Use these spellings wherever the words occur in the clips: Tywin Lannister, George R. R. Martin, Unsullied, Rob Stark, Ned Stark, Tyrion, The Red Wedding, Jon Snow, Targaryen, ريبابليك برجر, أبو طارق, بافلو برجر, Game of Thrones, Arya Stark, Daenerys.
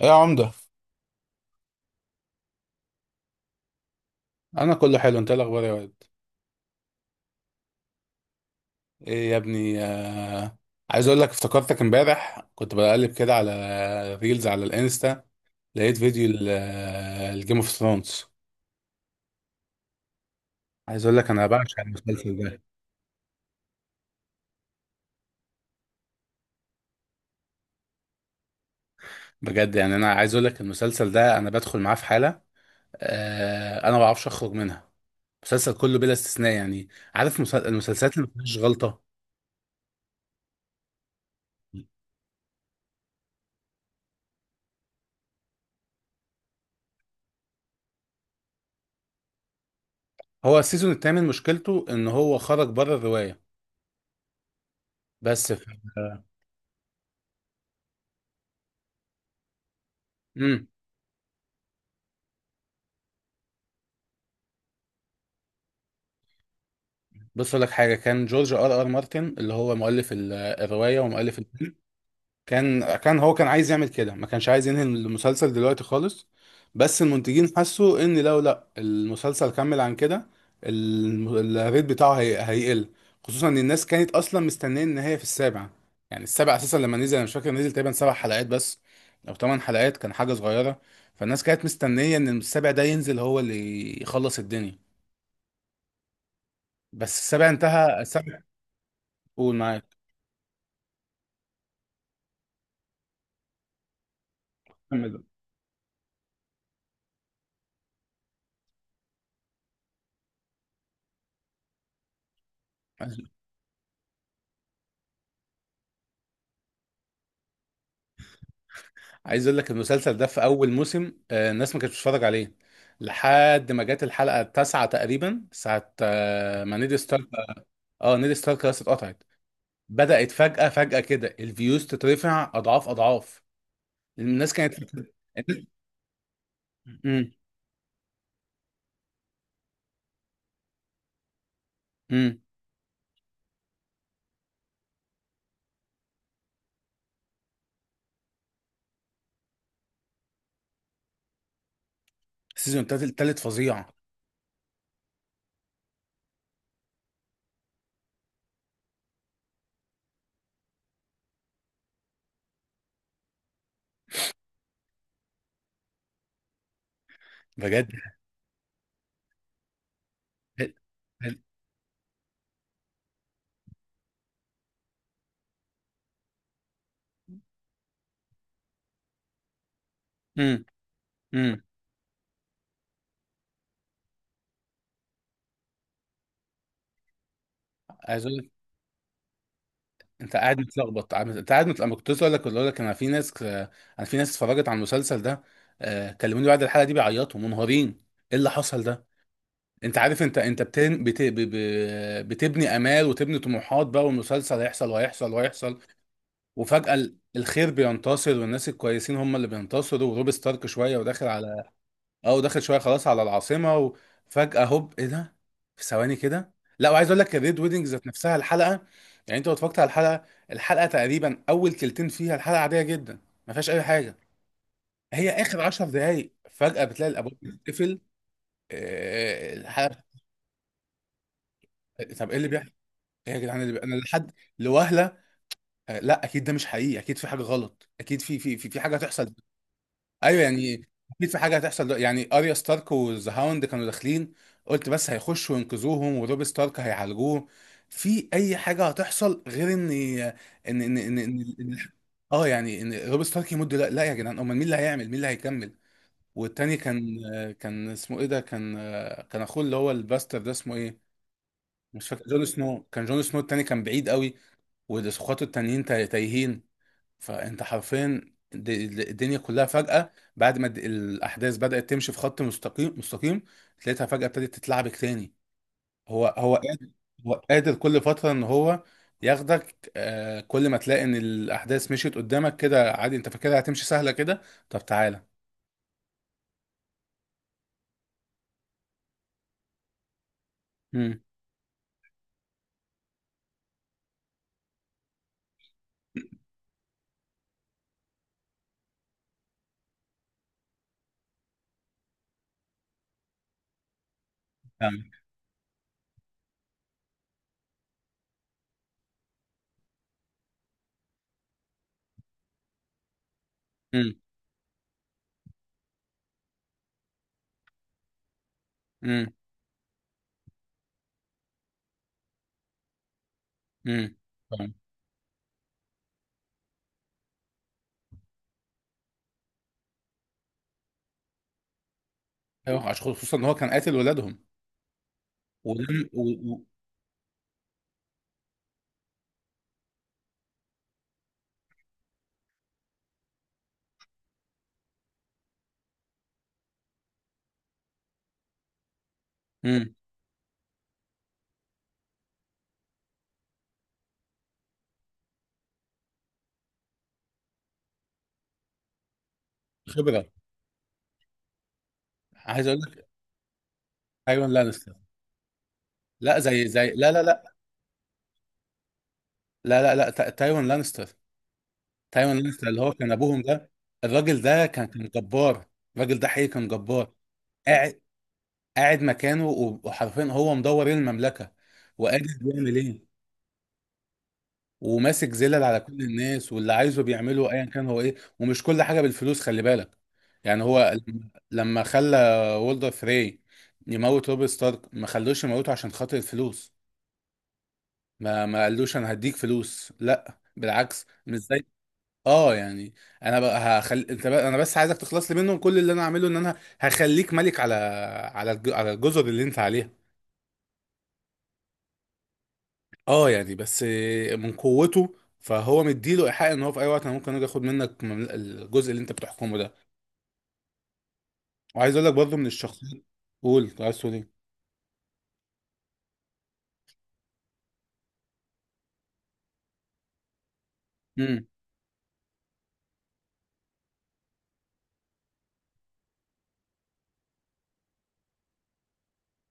إيه يا عمدة؟ انا كله حلو، انت إيه الاخبار يا واد؟ ايه يا ابني عايز اقول لك افتكرتك امبارح، كنت بقلب كده على ريلز على الانستا، لقيت فيديو الجيم اوف ثرونز. عايز اقول لك انا بعشق المسلسل ده. بجد، يعني انا عايز اقول لك المسلسل ده انا بدخل معاه في حالة انا ما بعرفش اخرج منها. المسلسل كله بلا استثناء، يعني عارف، المسلسلات اللي ما فيهاش غلطة. هو السيزون الثامن مشكلته ان هو خرج بره الرواية، بس بص اقول لك حاجه. كان جورج R.R. مارتن اللي هو مؤلف الروايه ومؤلف الفيلم، كان هو كان عايز يعمل كده، ما كانش عايز ينهي المسلسل دلوقتي خالص، بس المنتجين حسوا ان لو لا المسلسل كمل عن كده الريت بتاعه هيقل، خصوصا ان الناس كانت اصلا مستنيه النهايه في السابع. يعني السابع اساسا لما نزل انا مش فاكر، نزل تقريبا 7 حلقات بس او 8 حلقات، كان حاجه صغيره. فالناس كانت مستنيه ان السابع ده ينزل هو اللي يخلص الدنيا. بس السابع انتهى السابع. قول معاك. كمل. عايز اقول لك المسلسل ده في اول موسم الناس ما كانتش بتتفرج عليه لحد ما جت الحلقه التاسعه تقريبا، ساعه ما نيد ستارك. اه، نيد ستارك خلاص اتقطعت. بدات فجاه فجاه كده الفيوز تترفع اضعاف اضعاف. الناس كانت. امم. امم. السيزون التالت، التالت فظيع. بجد. امم. امم. انت قاعد متلخبط، انت قاعد متلخبط، انا كنت لسه اقول لك انا في ناس اتفرجت على المسلسل ده، كلموني بعد الحلقه دي بيعيطوا منهارين. ايه اللي حصل ده؟ انت عارف، انت بتن... بت... ب... ب... بتبني امال وتبني طموحات بقى، والمسلسل هيحصل وهيحصل وهيحصل، وفجاه الخير بينتصر، والناس الكويسين هم اللي بينتصروا، وروب ستارك شويه وداخل على. اه، ودخل شويه خلاص على العاصمه، وفجاه هوب، ايه ده؟ في ثواني كده. لا، وعايز اقول لك الريد ويدنج ذات نفسها الحلقه. يعني انت لو اتفرجت على الحلقه، الحلقه تقريبا اول كلتين فيها الحلقه عاديه جدا، ما فيهاش اي حاجه. هي اخر 10 دقائق فجاه بتلاقي الابواب بتتقفل، الحلقه. طب ايه اللي بيحصل؟ ايه يا جدعان اللي انا لحد لوهله لا، اكيد ده مش حقيقي، اكيد في حاجه غلط، اكيد في حاجه هتحصل. ايوه يعني، اكيد في حاجه هتحصل، يعني اريا ستارك والذا هاوند كانوا داخلين، قلت بس هيخشوا وينقذوهم وروب ستارك هيعالجوه، في اي حاجه هتحصل غير ان ان ان, إن... إن... اه يعني ان روب ستارك يمد. لا، لا يا جدعان، امال مين اللي هيعمل، مين اللي هيكمل. والتاني كان، كان اسمه ايه ده؟ كان كان اخوه اللي هو الباستر ده اسمه ايه؟ مش فاكر، جون سنو كان، جون سنو التاني كان بعيد قوي، واخواته التانيين تايهين. فانت حرفيا د- الدنيا كلها فجأة بعد ما الاحداث بدأت تمشي في خط مستقيم مستقيم، تلاقيها فجأة ابتدت تتلعبك تاني. هو قادر، هو قادر كل فترة ان هو ياخدك. كل ما تلاقي ان الاحداث مشيت قدامك كده عادي، انت فاكرها هتمشي سهلة كده، طب تعالى. امم. فاهمك. امم. امم. امم. فاهم. ايوه، عشان خصوصا ان هو كان قاتل ولادهم ودم و... امم. خبرة. عايز اقول لك. ايوه، لانستر. لا، زي لا لا لا لا لا لا تايوان لانستر. تايوان لانستر اللي هو كان ابوهم ده. الراجل ده كان جبار. الراجل ده حقيقي كان جبار. قاعد. قاعد مكانه وحرفيا هو مدور إيه المملكه، وقادر بيعمل ايه، وماسك زلل على كل الناس، واللي عايزه بيعمله ايا كان هو ايه، ومش كل حاجه بالفلوس، خلي بالك. يعني هو لما خلى وولدر فري يموت روب ستارك، ما خلوش يموته عشان خاطر الفلوس. ما قالوش انا هديك فلوس، لا، بالعكس، مش زي، اه يعني انا بقى، انا بس عايزك تخلص لي منهم، كل اللي انا هعمله ان انا هخليك ملك على على الجزر اللي انت عليها، اه يعني، بس من قوته. فهو مديله ايحاء ان هو في اي وقت انا ممكن اجي اخد منك الجزء اللي انت بتحكمه ده. وعايز اقول لك برضه من الشخصيات، قول كنت عايز تقول ايه. امم.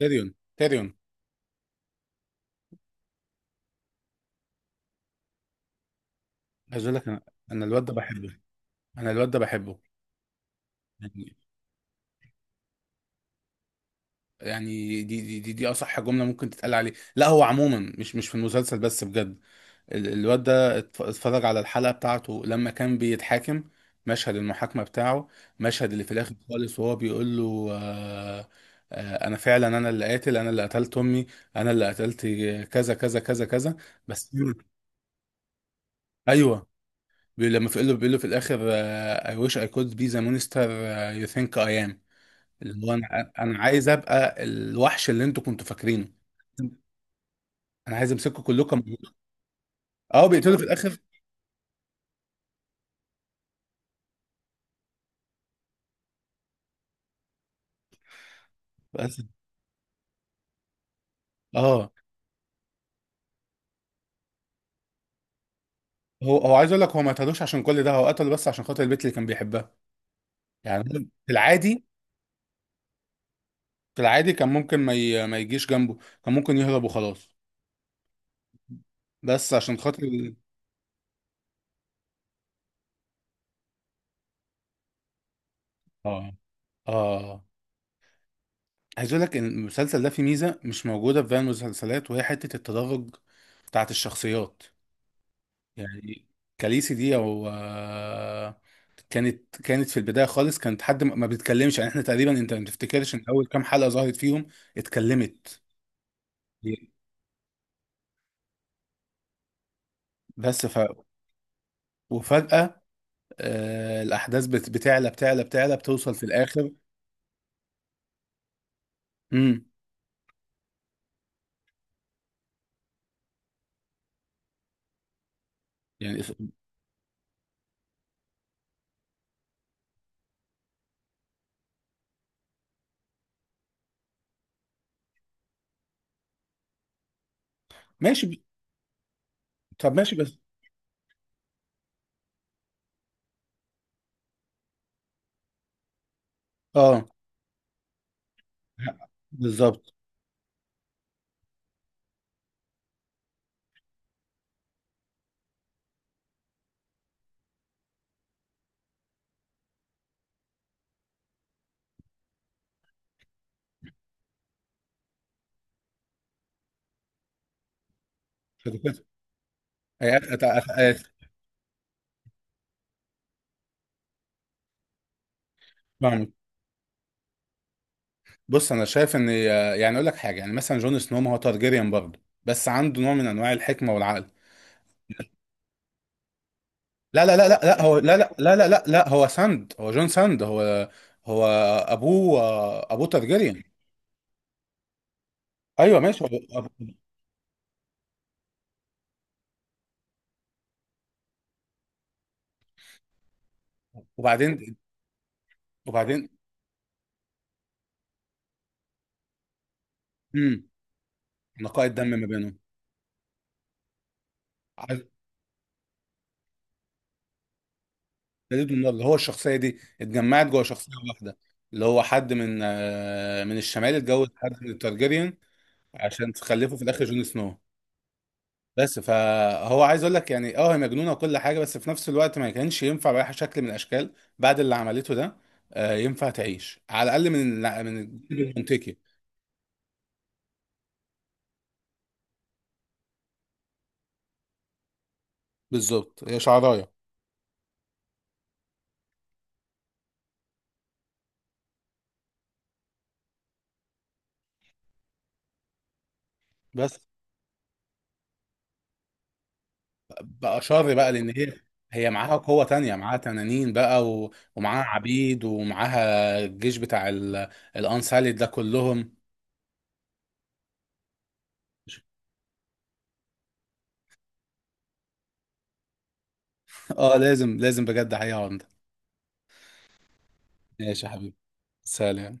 تيريون تيريون. عايز اقول لك انا، انا الواد ده بحبه. انا الواد ده بحبه. يعني. يعني دي اصح جمله ممكن تتقال عليه، لا هو عموما مش في المسلسل بس بجد. الواد ده اتفرج على الحلقة بتاعته لما كان بيتحاكم. مشهد المحاكمة بتاعه، مشهد اللي في الآخر خالص وهو بيقول له أنا فعلا، أنا اللي قاتل، أنا اللي قتلت أمي، أنا اللي قتلت كذا كذا كذا كذا. بس أيوه. لما بيقول له في الآخر I wish I could be the monster you think I am، اللي هو أنا عايز أبقى الوحش اللي أنتوا كنتوا فاكرينه. أنا عايز أمسككم كلكم. اه، بيقتلوا في الآخر. بس. اه. هو عايز اقول لك، هو ما اتهدوش عشان كل ده، هو قتله بس عشان خاطر البنت اللي كان بيحبها. يعني هو في العادي، في العادي كان ممكن ما يجيش جنبه، كان ممكن يهرب وخلاص، بس عشان خاطر اه، اه. عايز اقول لك ان المسلسل ده فيه ميزه مش موجوده في باقي المسلسلات، وهي حته التدرج بتاعت الشخصيات. يعني كاليسي دي او كانت في البدايه خالص، كانت حد ما بيتكلمش، يعني احنا تقريبا انت ما تفتكرش ان اول كام حلقه ظهرت فيهم اتكلمت. بس، وفجأة الأحداث بتعلى بتعلى بتعلى بتوصل في الآخر. امم. يعني ماشي، طب ماشي بس. اه. بالظبط. شركات. هي- أت- أت- أت- فاهمك. بص أنا شايف إن يعني أقول لك حاجة، يعني مثلا جون سنو ما هو تارجيريان برضه، بس عنده نوع من أنواع الحكمة والعقل. لا لا لا لا لا، هو لا لا لا لا لا، لا هو ساند، هو جون ساند، هو. هو أبوه تارجيريان. أيوه ماشي وبعدين. وبعدين. امم. نقاء الدم ما بينهم. جديد من النار، اللي هو الشخصيه دي اتجمعت جوه شخصيه واحده، اللي هو حد من من الشمال اتجوز حد من التارجيريان عشان تخلفه في الاخر جون سنو. بس فهو عايز اقول لك يعني، اه هي مجنونه وكل حاجه، بس في نفس الوقت ما كانش ينفع باي شكل من الاشكال بعد اللي عملته ده، ينفع تعيش على الاقل من الجيل المنطقي. بالظبط، هي شعرايه. بس بقى شر بقى لان هي معاها قوة تانية، معاها تنانين بقى، ومعاها عبيد، ومعاها الجيش بتاع الانساليد ده كلهم. اه، لازم لازم بجد حقيقة عمدة. ماشي يا حبيبي، سلام.